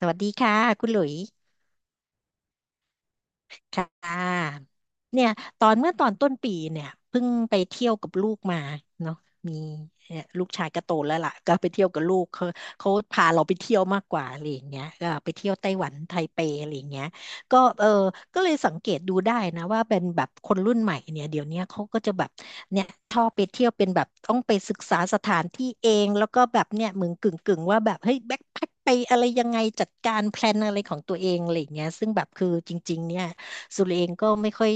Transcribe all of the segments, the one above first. สวัสดีค่ะคุณหลุย ค่ะเนี่ยตอนเมื่อตอนต้นปีเนี่ยเพิ่งไปเที่ยวกับลูกมาเนาะมีเนี่ยลูกชายก็โตแล้วล่ะก็ไปเที่ยวกับลูกเขาเขาพาเราไปเที่ยวมากกว่าอะไรอย่างเงี้ยก็ไปเที่ยวไต้หวันไทเปอะไรอย่างเงี้ยก็เออก็เลยสังเกตดูได้นะว่าเป็นแบบคนรุ่นใหม่เนี่ยเดี๋ยวเนี้ยเขาก็จะแบบเนี่ยชอบไปเที่ยวเป็นแบบต้องไปศึกษาสถานที่เองแล้วก็แบบเนี่ยเหมือนกึ่งว่าแบบเฮ้ยแบ็คแพ็คไปอะไรยังไงจัดการแพลนอะไรของตัวเองอะไรอย่างเงี้ยซึ่งแบบคือจริงๆเนี่ย สุรเองก็ไม่ค่อย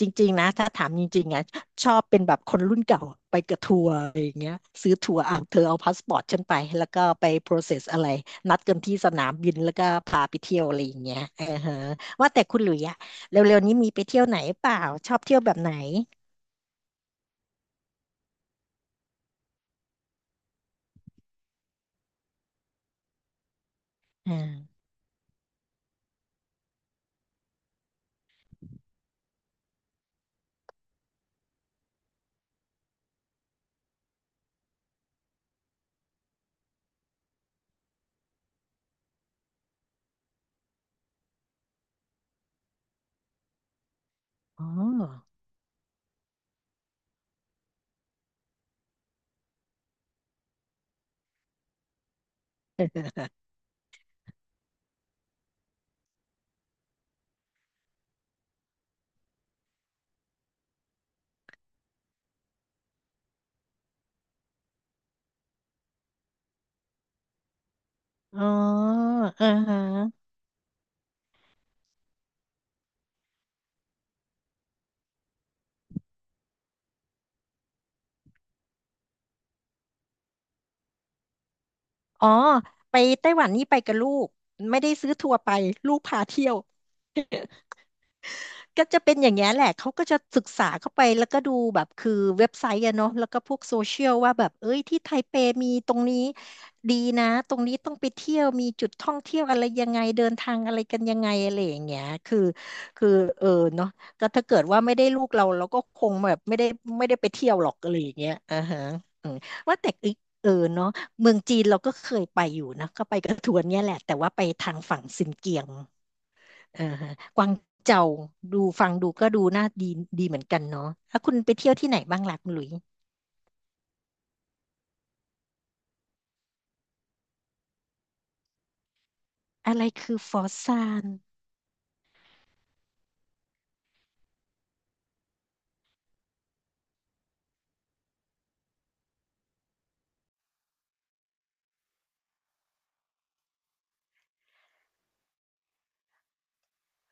จริงๆนะถ้าถามจริงๆอ่ะชอบเป็นแบบคนรุ่นเก่าไปกับทัวร์อะไรอย่างเงี้ยซื้อทัวร์อ่ะเธอเอาพาสปอร์ตฉันไปแล้วก็ไป process อะไรนัดกันที่สนามบินแล้วก็พาไปเที่ยวอะไรอย่างเงี้ยเออฮะว่าแต่คุณหลุยอะเร็วๆนี้มีไปเที่ยวไหนเปล่าชอบเที่ยวแบบไหนอ่าอ๋ออ๋อเออฮะอ๋อไปไต้หวันนี่ไปกับลูกไม่ได้ซื้อทัวร์ไปลูกพาเที่ยว ก็จะเป็นอย่างเงี้ยแหละ เขาก็จะศึกษาเข้าไปแล้วก็ดูแบบคือเว็บไซต์อะเนาะแล้วก็พวกโซเชียลว่าแบบเอ้ยที่ไทเปมีตรงนี้ดีนะตรงนี้ต้องไปเที่ยวมีจุดท่องเที่ยวอะไรยังไงเดินทางอะไรกันยังไงอะไรอย่างเงี้ยคือเออเนาะก็ถ้าเกิดว่าไม่ได้ลูกเราเราก็คงแบบไม่ได้ไปเที่ยวหรอกอะไรอย่างเงี้ยอ่าฮะอืมว่าแต่อีกเออเนาะเมืองจีนเราก็เคยไปอยู่นะก็ไปกระทวนเนี่ยแหละแต่ว่าไปทางฝั่งซินเกียง เออฮะกวางเจาดูฟังดูก็ดูน่าดีดีเหมือนกันเนาะแล้วคุณไปเที่ยวที่ไหนบ้างล่ะคุณหลุยอะไรคือฟอสซาน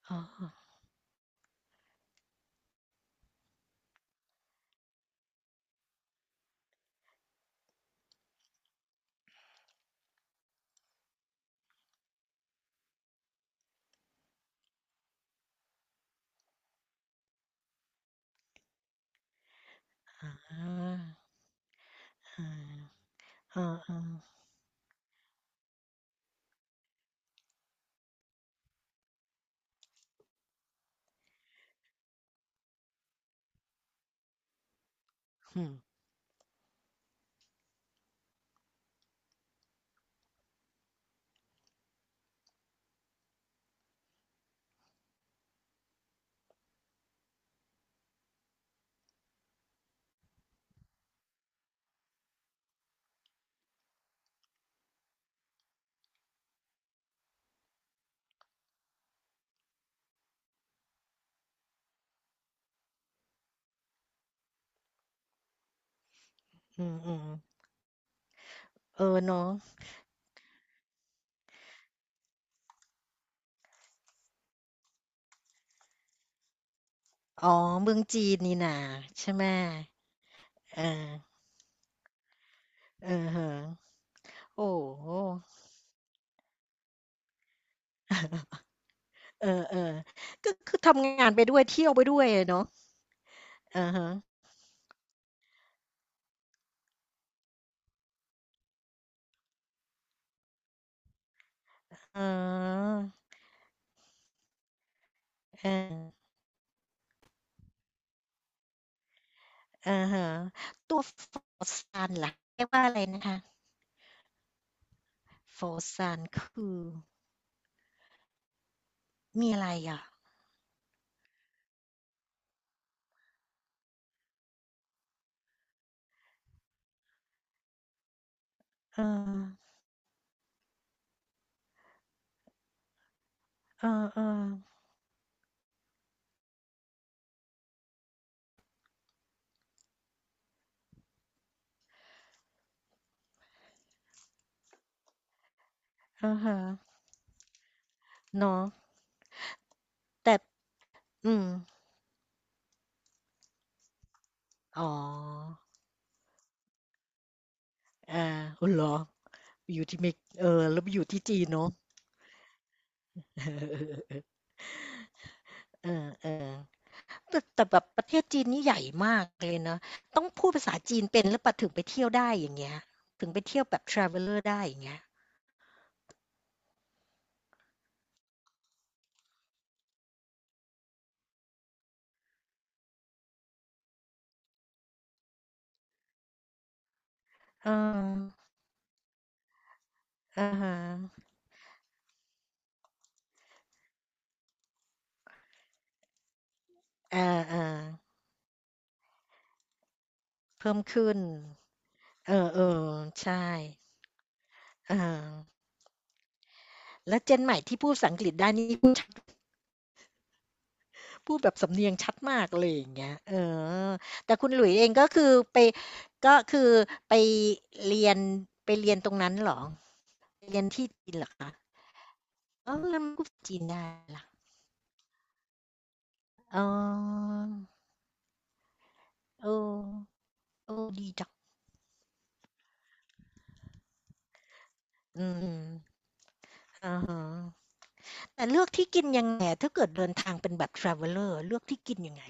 อ๋ออ่าอ่าอ่าอ่าอืมอืมอืมเออเนาะอ๋อเมืองจีนนี่นาใช่ไหมเออเออฮะโอ้โหเออเออก็คือทำงานไปด้วยเที่ยวไปด้วยอะเนาะอ่าฮะอ๋อเออ อาฮะตัว f r o z ันล่ะเรียกว่าอะไรนะคะโฟ r o z ันคือมีอะไรอะเออเออๆอะฮะเนาะแต่อืมอ๋ออาอ้าวเหรออยู่ที่เมกเออแล้วไปอยู่ที่จีนเนาะ เออๆๆๆเออๆแต่แต่แบบประเทศจีนนี่ใหญ่มากเลยนะต้องพูดภาษาจีนเป็นหรือเปล่าถึงไปเที่ยวได้อย่างเงี้ยถึงไปเที่ยวแบบ traveler ได้อย่างเงี้ยเอออะฮะเออๆ เพิ่มขึ้น เออๆใช่อาแล้ว Gen ใหม่ที่พูดภาษาอังกฤษได้นี่พูดชัดพูดแบบสำเนียงชัดมากอะไรอย่างเงี้ยเออแต่คุณหลุยส์เองก็คือไปก็คือไปเรียนไปเรียนตรงนั้นเหรอเรียนที่จีนเหรอคะอ้าวแล้วพูดจีนได้ล่ะอ๋อเออ เออดีจังอืมๆอะฮะ แต่เลือกที่กินยังไงถ้าเกิดเดินทางเป็นแบบ traveler เลือกที่กินยังไง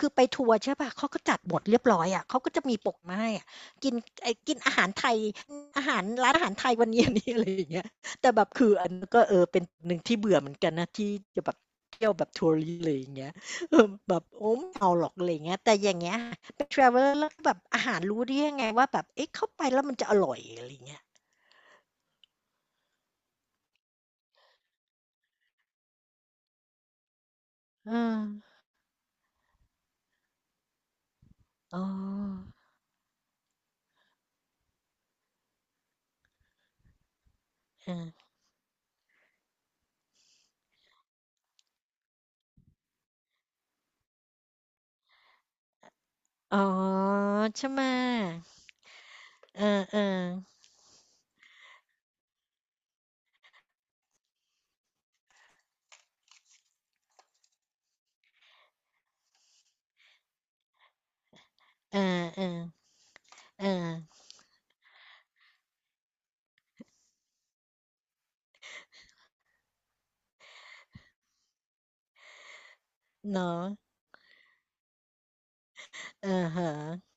คือไปทัวร์ใช่ป่ะเขาก็จัดบทเรียบร้อยอะเขาก็จะมีโปะมาให้อะกินไอ้กินอาหารไทยอาหารร้านอาหารไทยวันนี้อันนี้ อะไรอย่างเงี้ยแต่แบบคืออันก็เออเป็นหนึ่งที่เบื่อเหมือนกันนะที่จะแบบเที่ยวแบบทัวร i s t อเลยอย่างเงี้ยเออแบบโอ้ไม่เอาหรอกอะไรอย่างเงี้ยแต่อย่างเงี้ยเป็น traveler แล้วแบบอาหารรู้ได้ยังไงว่าแบบเอ๊ะเข้าไปแล้วมันจะอร่อยอะไรอย่างเงี้ยอออ๋อเอออ๋อใช่ไหม เออๆอาๆอาเออเออเนาะเอะฮะ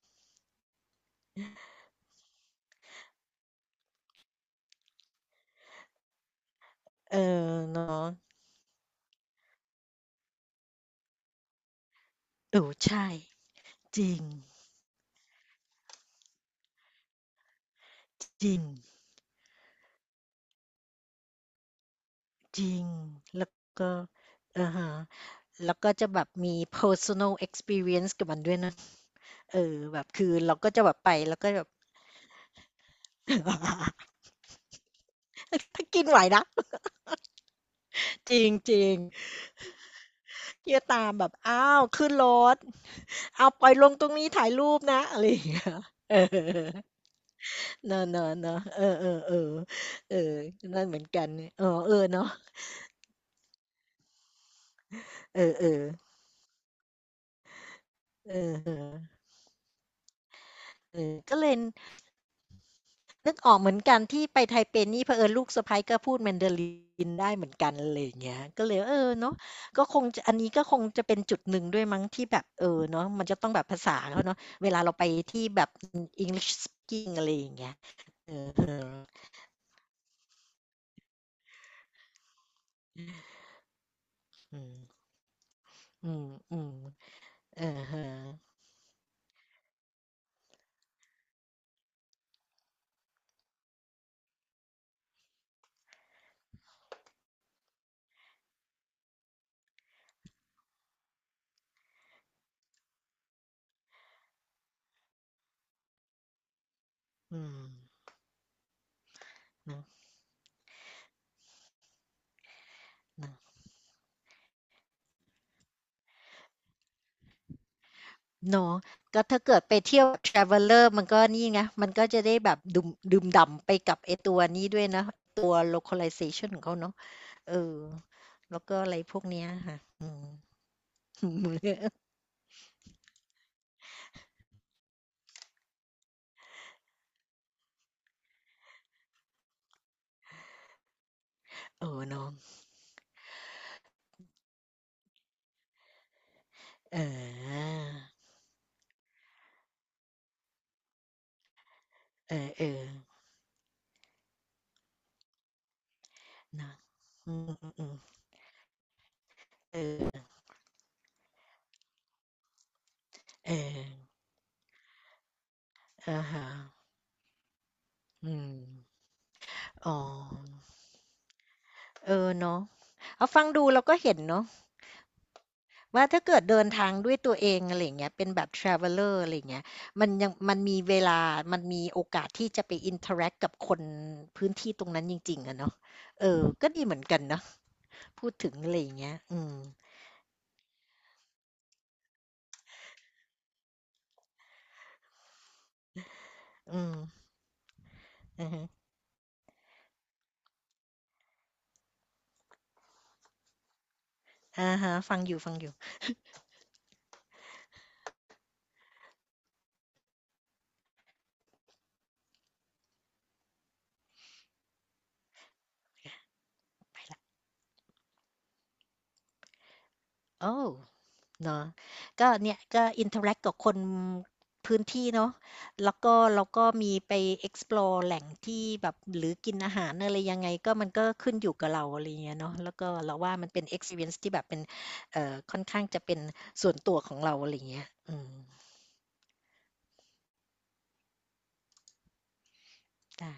เออเนาะโอ้ใช่จริงจริงจริงแล้วก็อาฮะแล้วก็จะแบบมี personal experience กับมันด้วยนะเออแบบคือเราก็จะแบบไปแล้วก็แบบ ถ้ากินไหวนะจริงจริงเที่จตามแบบอ้าวขึ้นรถเอาปล่อยลงตรงนี้ถ่ายรูปนะอะไรอย่างเงี้ยเออ เนอะๆๆเนอะเออเออเออเออนั่นเหมือนกันเนี่ยอ๋อเออเนาะเออเออเออเออเออก็เลยนึกออกเหมือนกันที่ไปไทเปนี่เผอิญลูกสะใภ้ก็พูดแมนดาลินได้เหมือนกันอะไรอย่างเงี้ยก็เลยเออเนาะก็คงจะอันนี้ก็คงจะเป็นจุดหนึ่งด้วยมั้งที่แบบเออเนาะมันจะต้องแบบภาษาเขาเนาะเวลาเราไปที่แบบอ English speaking อะไรอย่างเงี้ยเออเึออืมอืมอืมเออฮะออืมเนาะ เนาะก็ถ้าเกิดไปเที่ยว traveler มันก็นี่ไงมันก็จะได้แบบดื่มด่ำไปกับไอ้ตัวนี้ด้วยนะตัว localization ของเขาเนาะเออแล้วก็อะไรพวกเนี้ยค่ะอืม เออเน้องเออเออเออนะอืมอืมอืมเออเอออ่าฮะอืมอ๋อเออเนาะเอาฟังดูเราก็เห็นเนาะ ว่าถ้าเกิดเดินทางด้วยตัวเองอะไรอย่างเงี้ยเป็นแบบ traveler อะไรอย่างเงี้ยมันยังมันมีเวลามันมีโอกาสที่จะไป interact กับคนพื้นที่ตรงนั้นจริงๆอะเนาะเออ ก็ดีเหมือนกันเนาะพูดถึงอะไรอย่างเงี้ยอืมอืมอะฮะอะฮะฟังอยู่ๆไปแล้วโอ้ เนาะก็เนี่ยก็ interact กับคนพื้นที่เนาะแล้วก็มีไป explore แหล่งที่แบบหรือกินอาหารอะไรยังไงก็มันก็ขึ้นอยู่กับเราอะไรอย่างเงี้ยเนาะแล้วก็เราว่ามันเป็น experience ที่แบบเป็นเอ่อค่อนข้างจะเป็นส่วนตัวของเราอะไรอย่างเงี้ยอืมได้